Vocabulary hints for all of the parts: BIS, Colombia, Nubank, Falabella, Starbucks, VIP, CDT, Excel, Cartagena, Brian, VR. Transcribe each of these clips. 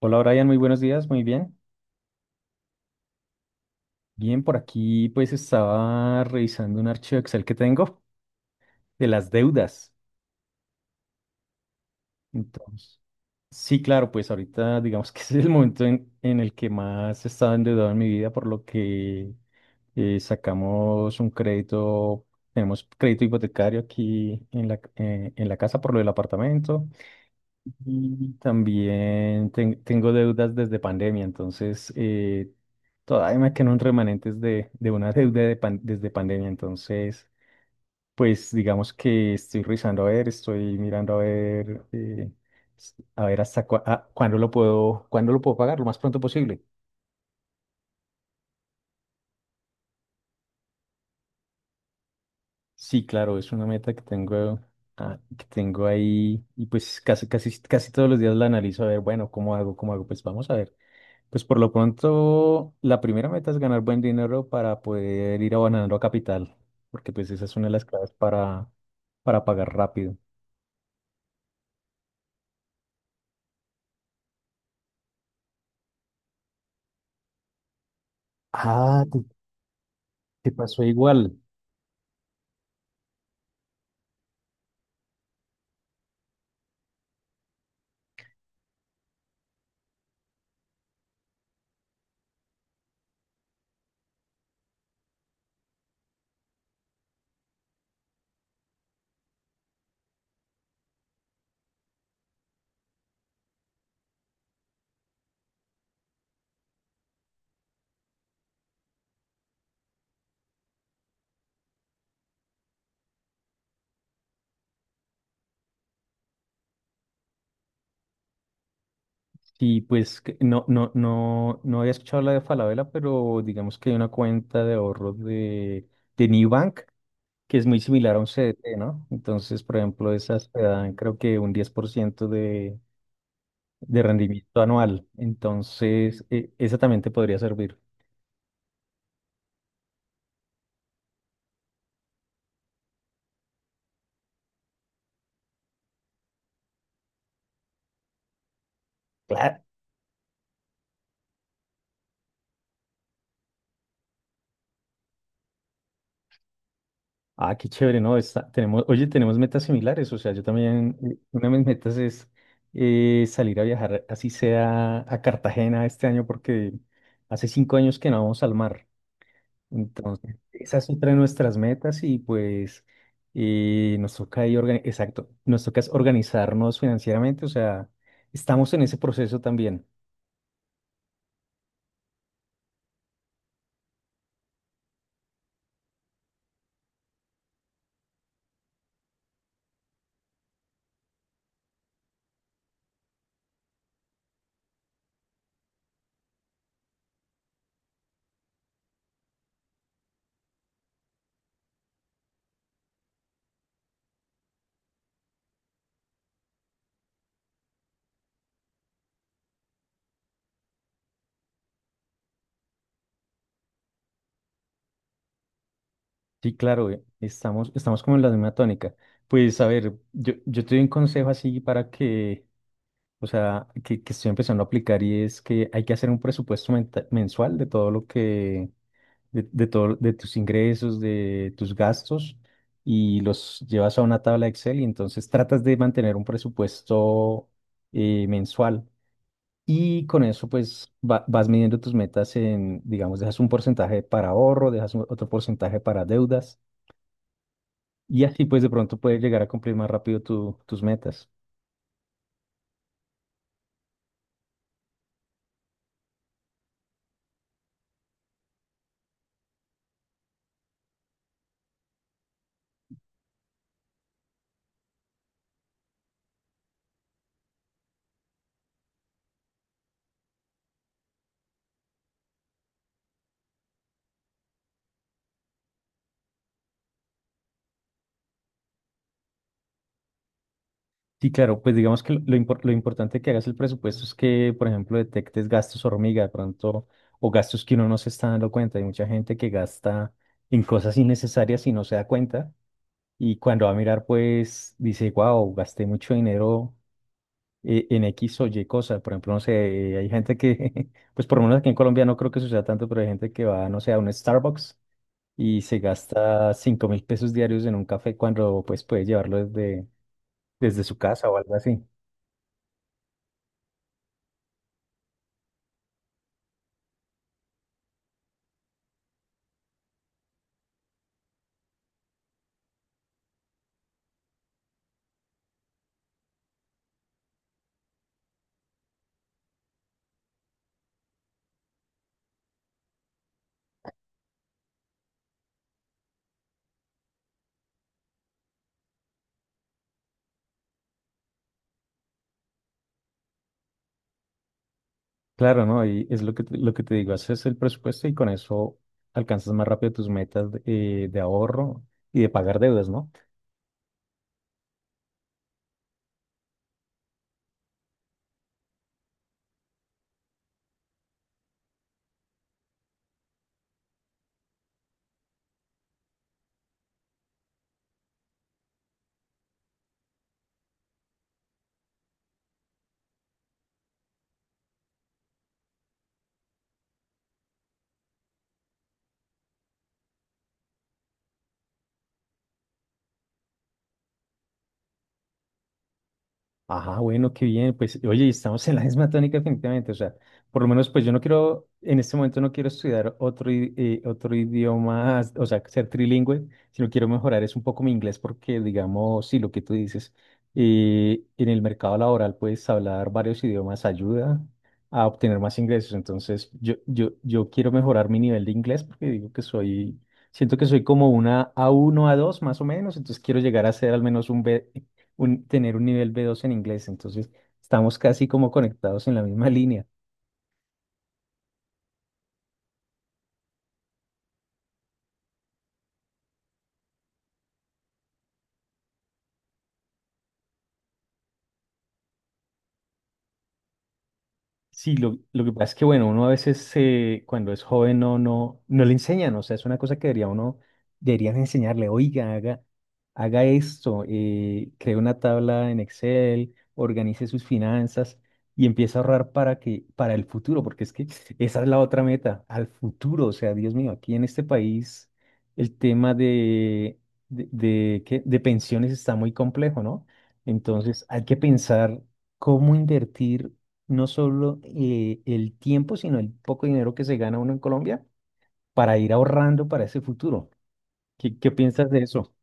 Hola Brian, muy buenos días, muy bien. Bien, por aquí pues estaba revisando un archivo Excel que tengo de las deudas. Entonces, sí, claro, pues ahorita digamos que es el momento en el que más he estado endeudado en mi vida, por lo que sacamos un crédito, tenemos crédito hipotecario aquí en la casa por lo del apartamento. Y también tengo deudas desde pandemia, entonces todavía me quedan remanentes de una deuda desde pandemia, entonces pues digamos que estoy revisando a ver, estoy mirando a ver, a ver hasta cuándo lo puedo pagar, lo más pronto posible. Sí, claro, es una meta que tengo ahí y pues casi, casi, casi todos los días la analizo a ver, bueno, ¿cómo hago? ¿Cómo hago? Pues vamos a ver. Pues por lo pronto, la primera meta es ganar buen dinero para poder ir abonando a capital, porque pues esa es una de las claves para pagar rápido. Ah, te pasó igual. Sí, pues que no había escuchado la de Falabella, pero digamos que hay una cuenta de ahorros de Nubank que es muy similar a un CDT, ¿no? Entonces, por ejemplo, esas te dan creo que un 10% de rendimiento anual. Entonces, esa también te podría servir. Ah, qué chévere, ¿no? Oye, tenemos metas similares. O sea, yo también, una de mis metas es salir a viajar, así sea a Cartagena este año, porque hace 5 años que no vamos al mar. Entonces, esa es otra de nuestras metas y pues nos toca ahí, exacto, nos toca es organizarnos financieramente. O sea, estamos en ese proceso también. Sí, claro, estamos como en la misma tónica. Pues a ver, yo te doy un consejo así para que o sea, que estoy empezando a aplicar y es que hay que hacer un presupuesto mensual de todo lo que, de todo, de tus ingresos, de tus gastos y los llevas a una tabla Excel y entonces tratas de mantener un presupuesto mensual y con eso pues vas midiendo tus metas en, digamos, dejas un porcentaje para ahorro, dejas otro porcentaje para deudas y así pues de pronto puedes llegar a cumplir más rápido tus metas. Sí, claro, pues digamos que lo importante que hagas el presupuesto es que, por ejemplo, detectes gastos hormiga de pronto o gastos que uno no se está dando cuenta. Hay mucha gente que gasta en cosas innecesarias y no se da cuenta. Y cuando va a mirar, pues dice, wow, gasté mucho dinero en X o Y cosa. Por ejemplo, no sé, hay gente que, pues por lo menos aquí en Colombia no creo que suceda tanto, pero hay gente que va, no sé, a un Starbucks y se gasta 5.000 pesos diarios en un café cuando pues puede llevarlo desde su casa o algo así. Claro, ¿no? Y es lo que, lo que te digo, haces el presupuesto y con eso alcanzas más rápido tus metas de ahorro y de pagar deudas, ¿no? Ajá, bueno, qué bien. Pues, oye, y estamos en la misma tónica definitivamente. O sea, por lo menos, pues yo no quiero, en este momento no quiero estudiar otro idioma, o sea, ser trilingüe, sino quiero mejorar es un poco mi inglés porque, digamos, sí, lo que tú dices, en el mercado laboral pues hablar varios idiomas, ayuda a obtener más ingresos. Entonces, yo quiero mejorar mi nivel de inglés porque digo que soy, siento que soy como una a uno a dos más o menos, entonces quiero llegar a ser al menos tener un nivel B2 en inglés. Entonces, estamos casi como conectados en la misma línea. Sí, lo que pasa es que, bueno, uno a veces cuando es joven no le enseñan, o sea, es una cosa que debería uno, deberían enseñarle, oiga, haga, haga esto, cree una tabla en Excel, organice sus finanzas y empiece a ahorrar para que, para el futuro, porque es que esa es la otra meta, al futuro, o sea, Dios mío, aquí en este país el tema ¿qué? De pensiones está muy complejo, ¿no? Entonces hay que pensar cómo invertir no solo el tiempo, sino el poco dinero que se gana uno en Colombia para ir ahorrando para ese futuro. ¿Qué piensas de eso?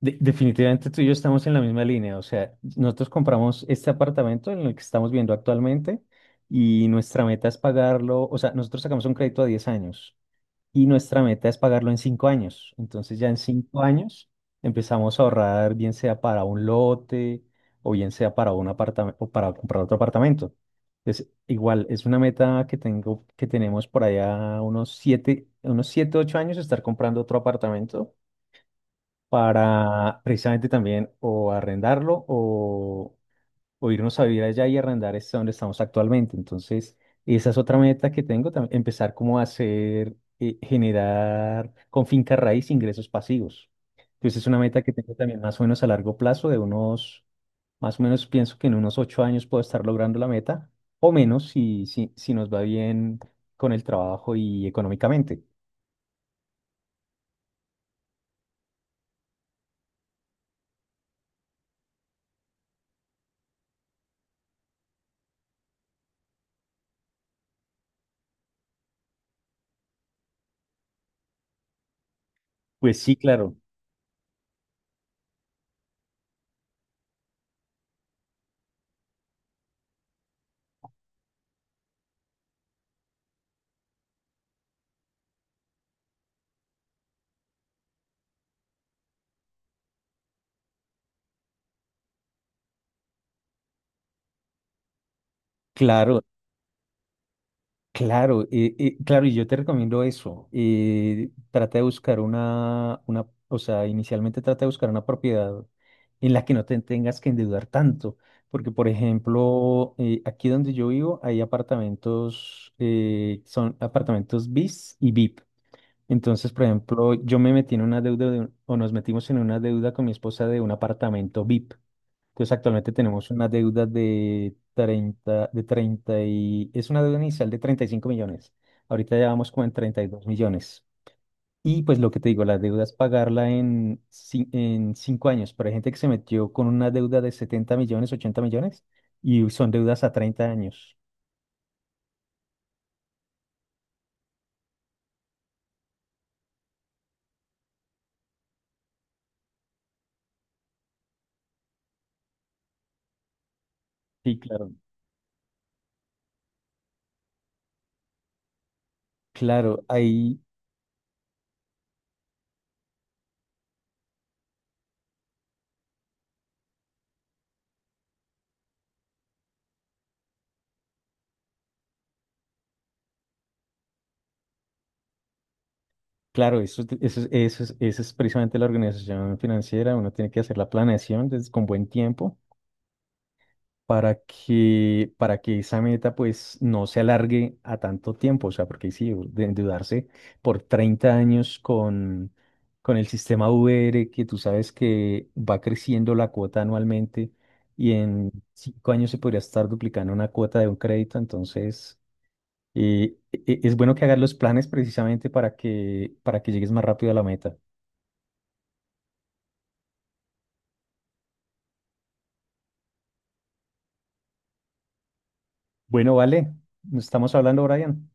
Definitivamente tú y yo estamos en la misma línea. O sea, nosotros compramos este apartamento en el que estamos viendo actualmente y nuestra meta es pagarlo. O sea, nosotros sacamos un crédito a 10 años, y nuestra meta es pagarlo en 5 años. Entonces ya en 5 años empezamos a ahorrar, bien sea para un lote o bien sea para un apartamento o para comprar otro apartamento. Entonces, igual es una meta que tengo, que tenemos por allá unos 7, 8 años estar comprando otro apartamento para precisamente también o arrendarlo o irnos a vivir allá y arrendar es donde estamos actualmente. Entonces, esa es otra meta que tengo, empezar como a hacer, generar con finca raíz ingresos pasivos. Entonces, es una meta que tengo también más o menos a largo plazo, de unos, más o menos pienso que en unos 8 años puedo estar logrando la meta, o menos si nos va bien con el trabajo y económicamente. Pues sí, claro, claro. Claro, claro, y yo te recomiendo eso. Trata de buscar o sea, inicialmente trata de buscar una propiedad en la que no te tengas que endeudar tanto, porque por ejemplo, aquí donde yo vivo hay apartamentos, son apartamentos BIS y VIP. Entonces, por ejemplo, yo me metí en una deuda, o nos metimos en una deuda con mi esposa de un apartamento VIP. Entonces actualmente tenemos una deuda de 30 de 30 y es una deuda inicial de 35 millones. Ahorita ya vamos como en 32 millones. Y pues lo que te digo, la deuda es pagarla en 5 años. Pero hay gente que se metió con una deuda de 70 millones, 80 millones y son deudas a 30 años. Sí, claro. Claro, ahí, claro, eso es precisamente la organización financiera. Uno tiene que hacer la planeación desde, con buen tiempo para que esa meta pues no se alargue a tanto tiempo, o sea, porque sí, de endeudarse por 30 años con el sistema VR, que tú sabes que va creciendo la cuota anualmente y en 5 años se podría estar duplicando una cuota de un crédito, entonces es bueno que hagas los planes precisamente para que llegues más rápido a la meta. Bueno, vale, nos estamos hablando, Brian.